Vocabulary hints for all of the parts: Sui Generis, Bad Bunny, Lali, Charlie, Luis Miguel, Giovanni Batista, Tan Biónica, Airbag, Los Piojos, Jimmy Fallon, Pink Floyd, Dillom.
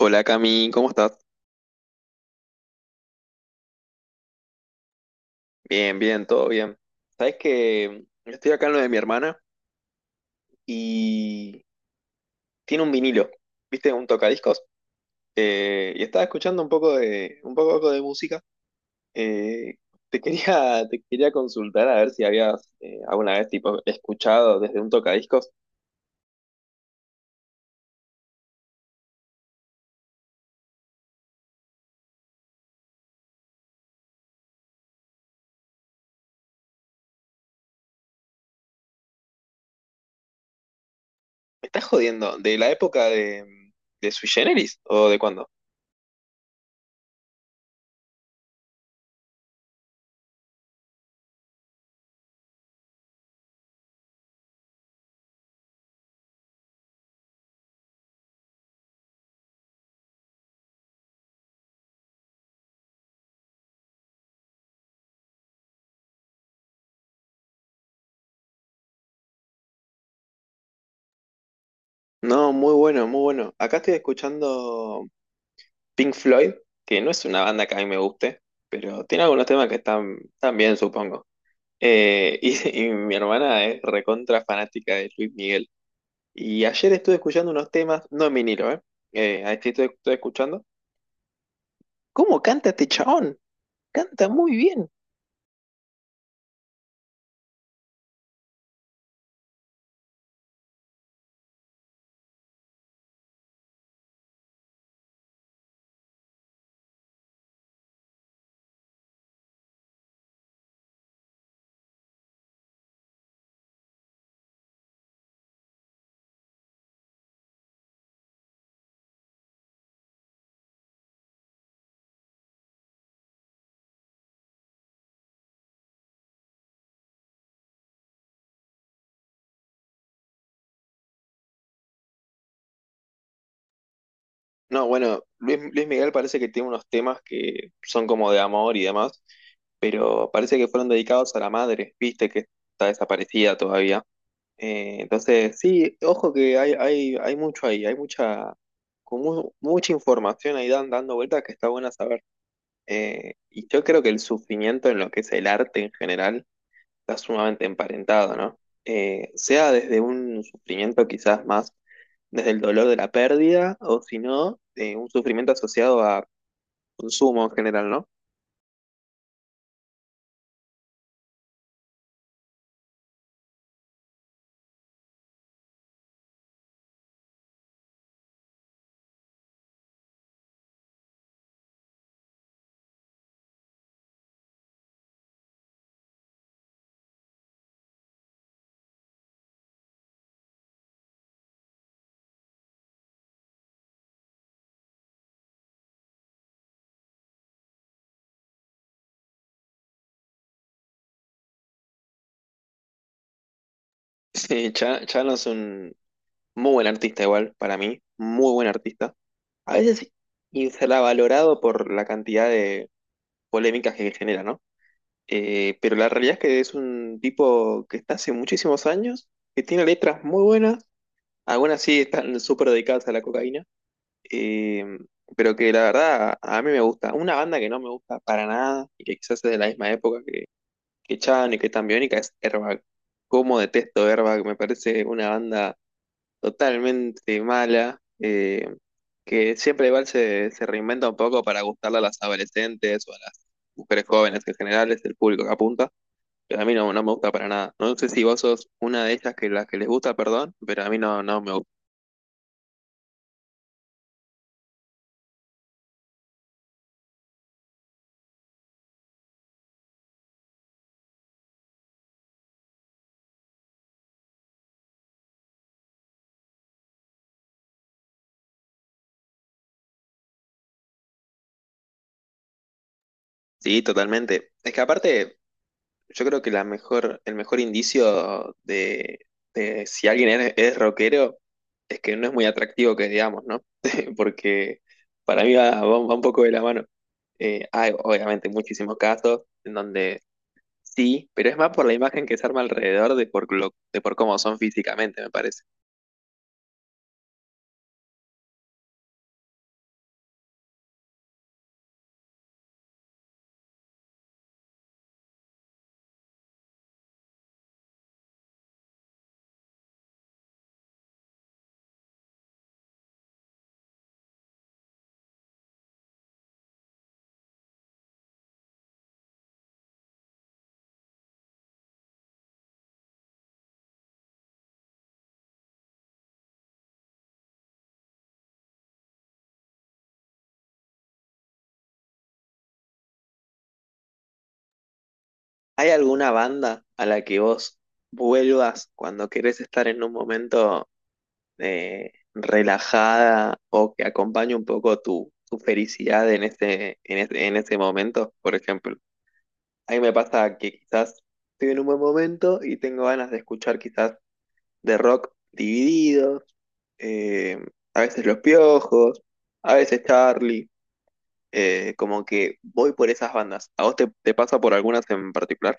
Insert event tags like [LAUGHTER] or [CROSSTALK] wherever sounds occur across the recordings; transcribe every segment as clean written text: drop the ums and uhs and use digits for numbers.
Hola Cami, ¿cómo estás? Bien, bien, todo bien. Sabes que estoy acá en lo de mi hermana y tiene un vinilo, ¿viste? Un tocadiscos. Y estaba escuchando un poco de música. Eh, Te quería, [LAUGHS] te quería consultar a ver si habías alguna vez tipo, escuchado desde un tocadiscos. ¿Me estás jodiendo? ¿De la época de Sui Generis o de cuándo? No, muy bueno, muy bueno. Acá estoy escuchando. Pink Floyd, que no es una banda que a mí me guste, pero tiene algunos temas que están, están bien, supongo. [LAUGHS] Y mi hermana es recontra fanática de Luis Miguel. Y ayer estuve escuchando unos temas, no en vinilo, ¿eh? Ahí sí estoy, estoy escuchando. ¿Cómo canta este chabón? Canta muy bien. No, bueno, Luis, Luis Miguel parece que tiene unos temas que son como de amor y demás, pero parece que fueron dedicados a la madre, viste que está desaparecida todavía. Entonces, sí, ojo que hay mucho ahí, hay mucha, con mucha información ahí dando vueltas que está buena saber. Y yo creo que el sufrimiento en lo que es el arte en general está sumamente emparentado, ¿no? Sea desde un sufrimiento quizás más desde el dolor de la pérdida o si no, un sufrimiento asociado a consumo en general, ¿no? [LAUGHS] Sí, ya no es un... Muy buen artista igual, para mí, muy buen artista. A veces infravalorado por la cantidad de polémicas que genera, ¿no? Pero la realidad es que es un tipo que está hace muchísimos años, que tiene letras muy buenas, algunas sí están súper dedicadas a la cocaína, eh, pero que la verdad a mí me gusta. Una banda que no me gusta para nada y que quizás es de la misma época que Chan y que Tan Biónica es Airbag. Cómo detesto Airbag, me parece una banda totalmente mala, que siempre igual se, se reinventa un poco para gustarle a las adolescentes o a las mujeres jóvenes, que en general es el público que apunta, pero a mí no, no me gusta para nada. No sé si vos sos una de ellas que las que les gusta, perdón, pero a mí no, no me gusta. Sí, totalmente. Es que aparte yo creo que la mejor, el mejor indicio de si alguien es rockero es que no es muy atractivo que digamos, ¿no? [LAUGHS] Porque para mí va, va un poco de la mano. Hay obviamente muchísimos casos en donde sí, pero es más por la imagen que se arma alrededor de por, de por cómo son físicamente, me parece. ¿Hay alguna banda a la que vos vuelvas cuando querés estar en un momento relajada o que acompañe un poco tu, tu felicidad en este, en este, en este momento, por ejemplo? A mí me pasa que quizás estoy en un buen momento y tengo ganas de escuchar quizás de rock divididos, eh, a veces Los Piojos, a veces Charlie, como que voy por esas bandas. ¿A vos te, te pasa por algunas en particular?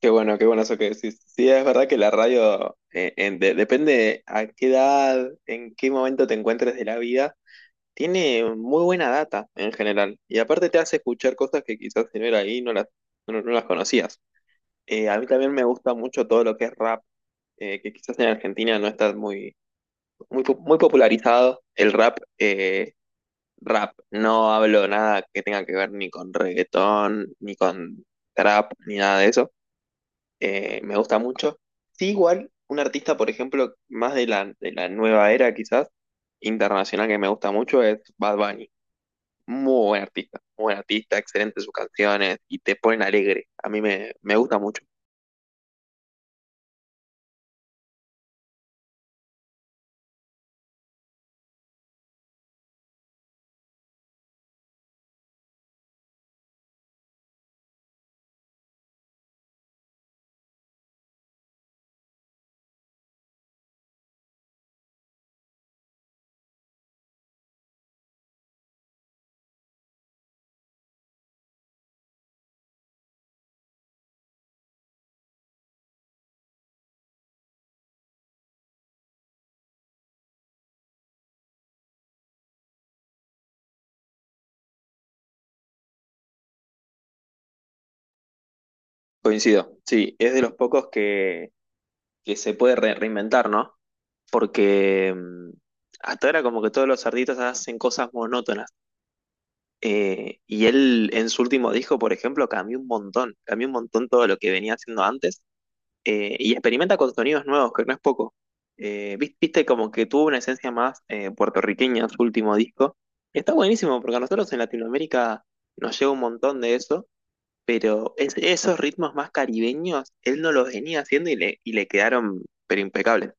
Qué bueno eso que decís. Sí, es verdad que la radio, depende a qué edad, en qué momento te encuentres de la vida, tiene muy buena data en general. Y aparte te hace escuchar cosas que quizás si no era ahí no las, no, no las conocías. A mí también me gusta mucho todo lo que es rap, que quizás en Argentina no está muy, muy popularizado. El rap, rap, no hablo nada que tenga que ver ni con reggaetón, ni con trap, ni nada de eso, me gusta mucho. Sí, igual, un artista, por ejemplo, más de la nueva era quizás, internacional que me gusta mucho es Bad Bunny. Muy buen artista, excelente sus canciones y te ponen alegre. A mí me, me gusta mucho. Coincido, sí, es de los pocos que se puede reinventar, ¿no? Porque hasta ahora como que todos los artistas hacen cosas monótonas. Y él en su último disco, por ejemplo, cambió un montón todo lo que venía haciendo antes, y experimenta con sonidos nuevos, que no es poco. Viste como que tuvo una esencia más puertorriqueña en su último disco. Está buenísimo porque a nosotros en Latinoamérica nos llega un montón de eso, pero esos ritmos más caribeños, él no los venía haciendo y le quedaron pero impecables.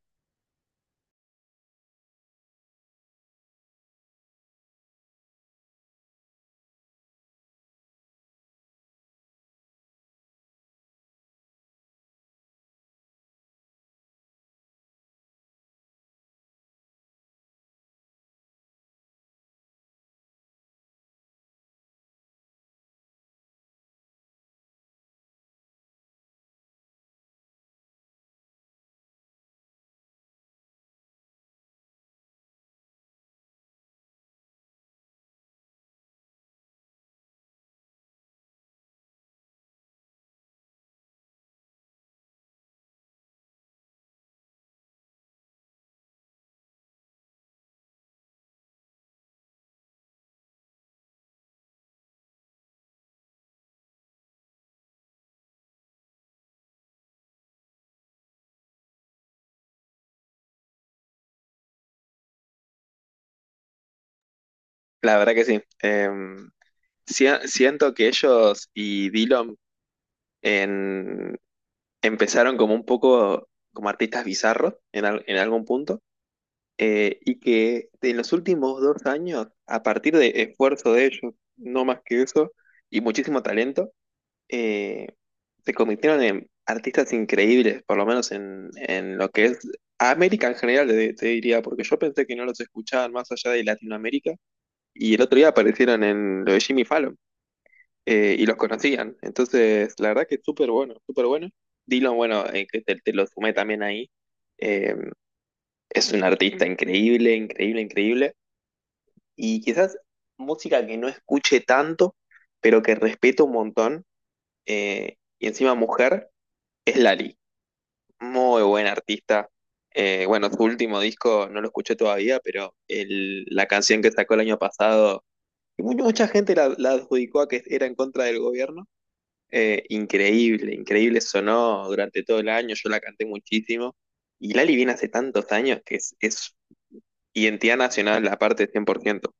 La verdad que sí. Siento que ellos y Dillom en- empezaron como un poco como artistas bizarros en, en algún punto. Y que en los últimos dos años, a partir de esfuerzo de ellos, no más que eso, y muchísimo talento, eh, se convirtieron en artistas increíbles, por lo menos en lo que es América en general, te diría, porque yo pensé que no los escuchaban más allá de Latinoamérica, y el otro día aparecieron en lo de Jimmy Fallon, y los conocían. Entonces, la verdad que es súper bueno, súper bueno. Dylan, bueno, que te lo sumé también ahí. eh, es un artista increíble, increíble, increíble, y quizás música que no escuche tanto, pero que respeto un montón, y encima mujer, es Lali. Muy buena artista. Bueno, su último disco no lo escuché todavía, pero la canción que sacó el año pasado, que mucha gente la, la adjudicó a que era en contra del gobierno, increíble, increíble sonó durante todo el año, yo la canté muchísimo. Y Lali viene hace tantos años que es identidad nacional, aparte 100%.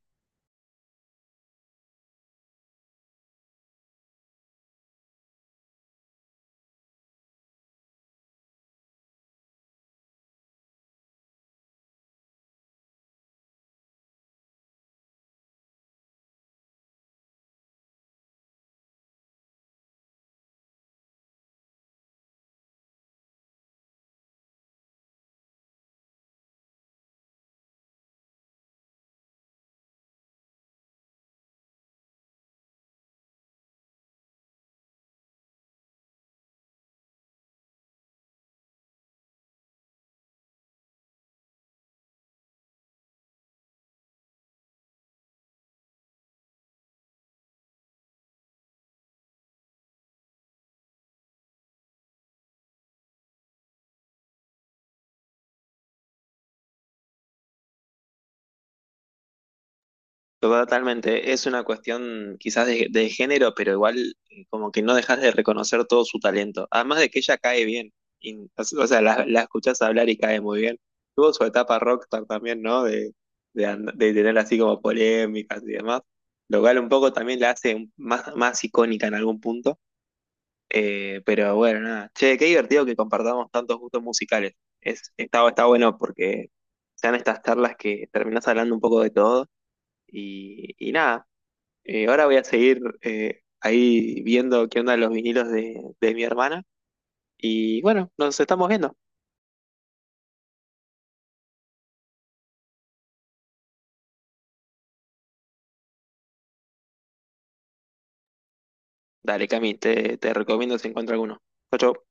Totalmente, es una cuestión quizás de género, pero igual como que no dejas de reconocer todo su talento. Además de que ella cae bien, o sea, la escuchás hablar y cae muy bien. Tuvo su etapa rockstar también, ¿no? De, de tener así como polémicas y demás, lo cual un poco también la hace más, más icónica en algún punto. Pero bueno, nada. Che, qué divertido que compartamos tantos gustos musicales. Es, está, está bueno porque sean estas charlas que terminás hablando un poco de todo. Y nada, ahora voy a seguir ahí viendo qué onda los vinilos de mi hermana. Y bueno, nos estamos viendo. Dale, Cami, te recomiendo si encuentro alguno. Chau, chau.